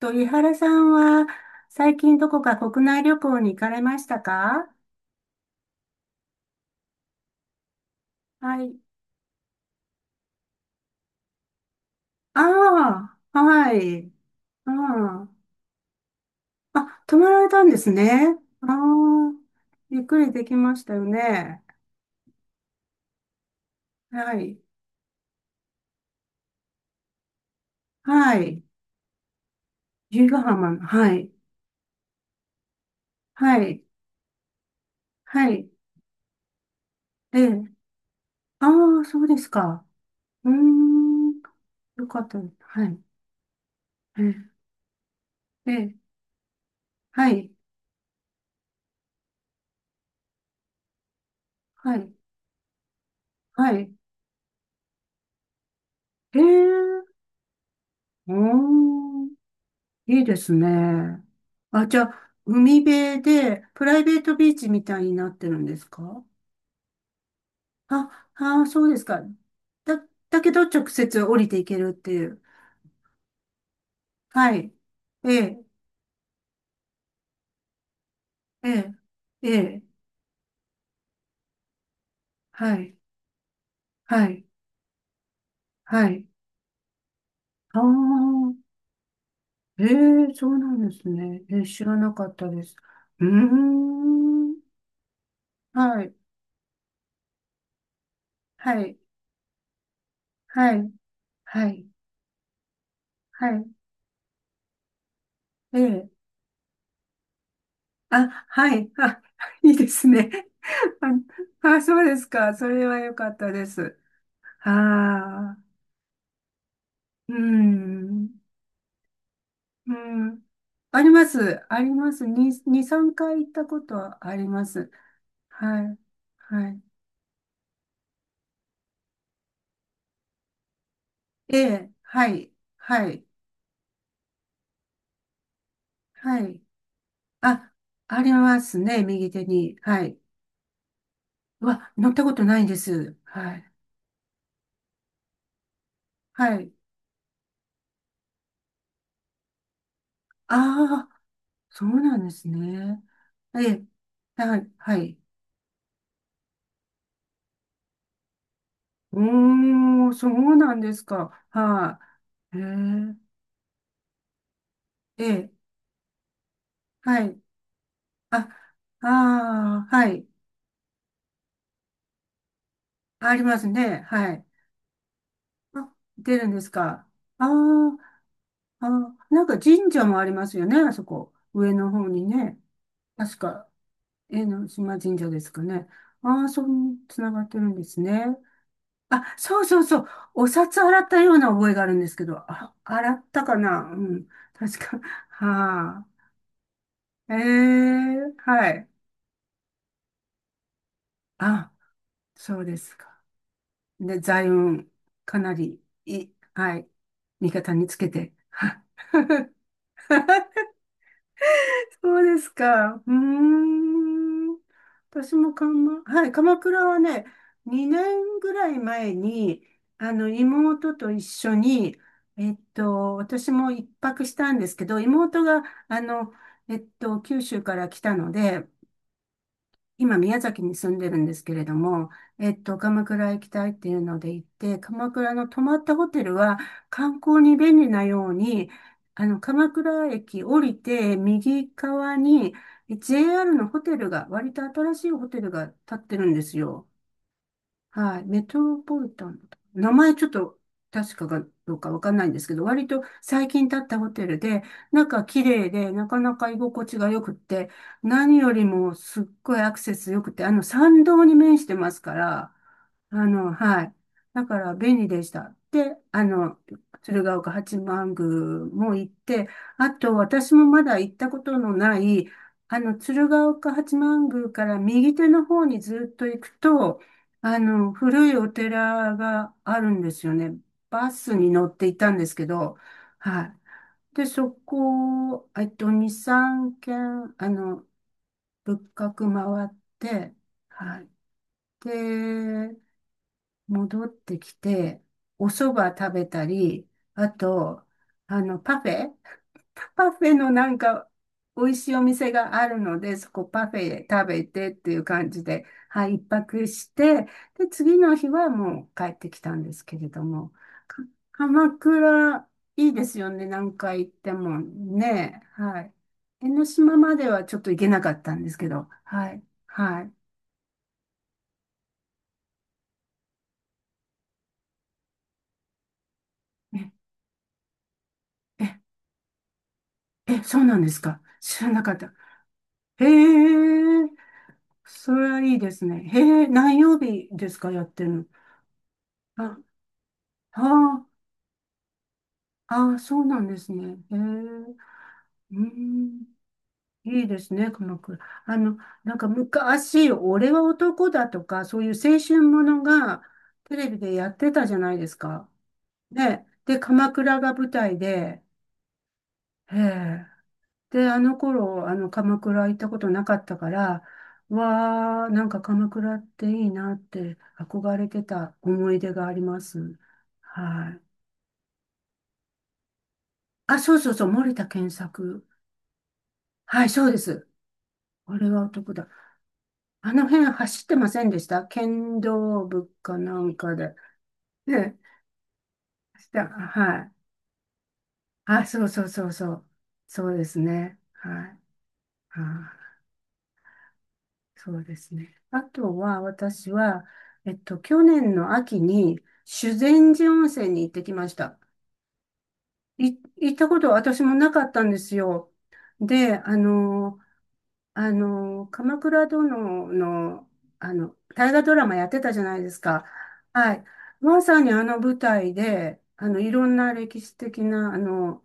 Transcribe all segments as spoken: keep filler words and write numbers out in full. と、井原さんは最近どこか国内旅行に行かれましたか？はい。ああ、はい。ああ、あ、泊まられたんですね。ああ、ゆっくりできましたよね。はい。はい。由比ヶ浜の、はい。はい。はい。ええ。ああ、そうですか。うーん。よかった。はい。ええ。ええ。はい。はい。はい。ええ。おー。いいですね。あ、じゃあ、海辺で、プライベートビーチみたいになってるんですか？あ、あー、そうですか。だ、だけど直接降りていけるっていう。はい。ええ、ええ、ええ、はい、はい、はい。ああ、ええ、そうなんですね。ええ、知らなかったです。うーん。はい、はい、はい、はい、はい。ええ、あ、はい、あ、いいですね。あ、あ、そうですか。それは良かったです。ああ、うん、うん。あります。あります。に、に、さんかい行ったことはあります。はい。はい。ええ、はい。はい。はい。あ、ありますね。右手に。はい。うわ、乗ったことないです。はい。はい。ああ、そうなんですね。ええ、はい。はい。うーん、そうなんですか。はい、へえええ、はい。あ、ああ、はい。ありますね。はい。あ、出るんですか。あー、あー、なんか神社もありますよね、あそこ。上の方にね。確か、江の島神社ですかね。ああ、そう、つながってるんですね。あ、そうそうそう。お札洗ったような覚えがあるんですけど、あ、洗ったかな、うん。確か。はあ。ええ、はい。あ、そうですか。で、財運、かなり、い、はい、味方につけて。は そうですか。うーん。私もかま、はい、鎌倉はね、にねんぐらい前に、あの、妹と一緒に、えっと、私も一泊したんですけど、妹が、あの、えっと、九州から来たので、今、宮崎に住んでるんですけれども、えっと、鎌倉行きたいっていうので行って、鎌倉の泊まったホテルは観光に便利なように、あの、鎌倉駅降りて右側に ジェーアール のホテルが、割と新しいホテルが建ってるんですよ。はい。メトロポリタンだったかな。名前ちょっと確かかどうかわかんないんですけど、割と最近建ったホテルで、中綺麗で、なかなか居心地が良くって、何よりもすっごいアクセス良くて、あの、参道に面してますから、あの、はい。だから便利でした。で、あの、鶴岡八幡宮も行って、あと私もまだ行ったことのない、あの、鶴岡八幡宮から右手の方にずっと行くと、あの、古いお寺があるんですよね。バスに乗っていたんですけど、はい。で、そこ、えっと、に、さんげん軒、あの、仏閣回って、はい。で、戻ってきて、お蕎麦食べたり、あと、あの、パフェパフェのなんか美味しいお店があるので、そこパフェ食べてっていう感じで、はい、一泊して、で、次の日はもう帰ってきたんですけれども、か、鎌倉いいですよね、何回行ってもね、はい。江ノ島まではちょっと行けなかったんですけど、はい、はい。え、え、え、そうなんですか。知らなかった。へえ、それはいいですね。へえ、何曜日ですか、やってるの？あ、はあ。ああ、そうなんですね。へえ。うーん。いいですね、鎌倉。あの、なんか昔、俺は男だとか、そういう青春ものがテレビでやってたじゃないですか。ね。で、鎌倉が舞台で、へえ。で、あの頃、あの、鎌倉行ったことなかったから、わあ、なんか鎌倉っていいなって憧れてた思い出があります。はい。あ、そうそうそう、森田健作。はい、そうです。俺は男だ。あの辺走ってませんでした剣道部かなんかで。ね、した、はい。あ、そうそうそうそう。そうですね。はい。あ、そうですね。あとは、私は、えっと、去年の秋に修善寺温泉に行ってきました。い、行ったこと私もなかったんですよ。で、あの、あの、鎌倉殿の、あの、大河ドラマやってたじゃないですか。はい。まさにあの舞台で、あの、いろんな歴史的な、あの、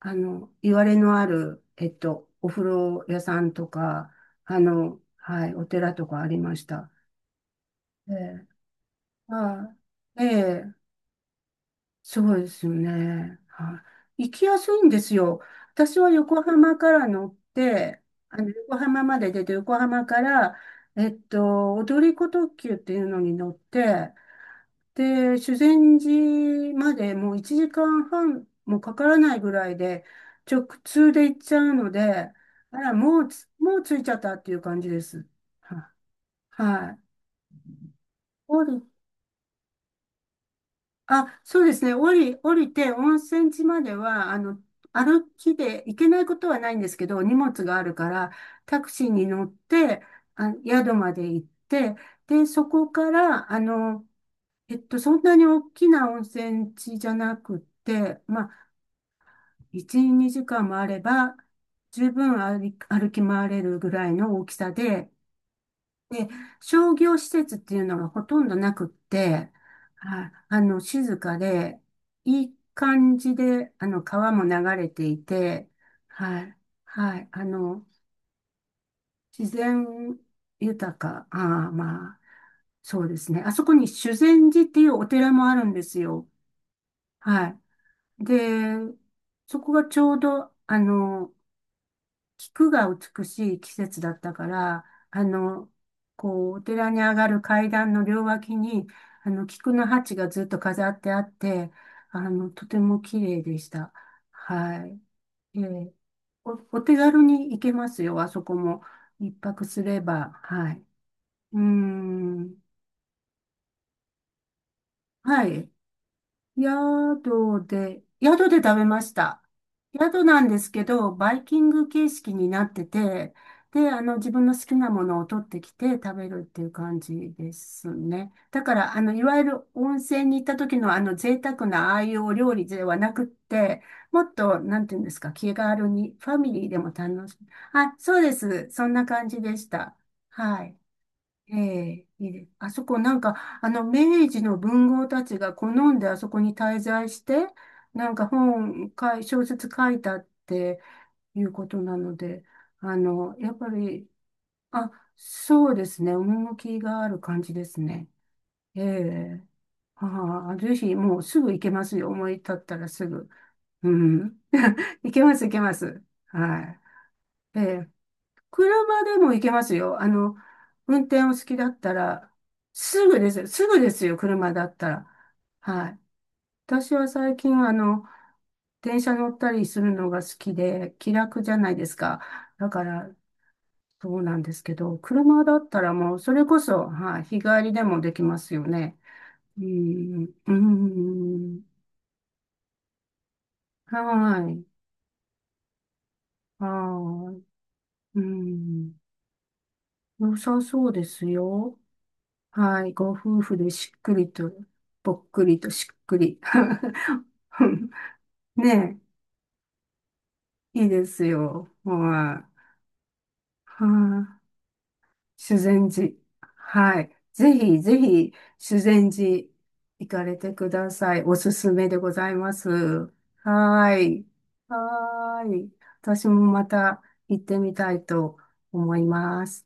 あの、いわれのある、えっと、お風呂屋さんとか、あの、はい、お寺とかありました。ええ、はい。ええ、そうですよね。はい。行きやすいんですよ。私は横浜から乗って、あの、横浜まで出て、横浜から、えっと、踊り子特急っていうのに乗って、で、修善寺までもういちじかんはんもかからないぐらいで、直通で行っちゃうので、あら、もうつ、もう着いちゃったっていう感じです。はいはい。あ、そうですね。降り、降りて、温泉地までは、あの、歩きで行けないことはないんですけど、荷物があるから、タクシーに乗って、あ、宿まで行って、で、そこから、あの、えっと、そんなに大きな温泉地じゃなくって、まあ、いち、にじかんもあれば、十分歩き、歩き回れるぐらいの大きさで、で、商業施設っていうのがほとんどなくって、あ、あの、静かで、いい感じで、あの、川も流れていて、はい、はい、あの、自然豊か、ああ、まあ、そうですね。あそこに修善寺っていうお寺もあるんですよ。はい。で、そこがちょうど、あの、菊が美しい季節だったから、あの、こう、お寺に上がる階段の両脇に、あの、菊の鉢がずっと飾ってあって、あの、とても綺麗でした。はい。ええ、お、お手軽に行けますよ、あそこも。一泊すれば。はい。うーん。はい。宿で、宿で食べました。宿なんですけど、バイキング形式になってて、で、あの、自分の好きなものを取ってきて食べるっていう感じですね。だから、あの、いわゆる温泉に行った時のあの、贅沢なああいうお料理ではなくって、もっと、なんていうんですか、気軽に、ファミリーでも楽しむ。あ、そうです。そんな感じでした。はい。ええ、いいですあそこ、なんか、あの、明治の文豪たちが好んであそこに滞在して、なんか本かい、小説書いたっていうことなので、あの、やっぱり、あ、そうですね、趣がある感じですね。ええ、ああ、ぜひもうすぐ行けますよ、思い立ったらすぐ。うん、行けます、行けます。はい。ええ、車でも行けますよ。あの、運転お好きだったら、すぐです。すぐですよ、車だったら。はい。私は最近、あの、電車乗ったりするのが好きで、気楽じゃないですか。だから、そうなんですけど、車だったらもう、それこそ、はい、日帰りでもできますよね。うん、うん、はい、はい、うん、良さそうですよ。はい。ご夫婦でしっくりと、ぽっくりとしっくり。ねえ、いいですよ。はい。はい。修善寺。はい。ぜひ、ぜひ、修善寺行かれてください。おすすめでございます。はい。はい。私もまた行ってみたいと思います。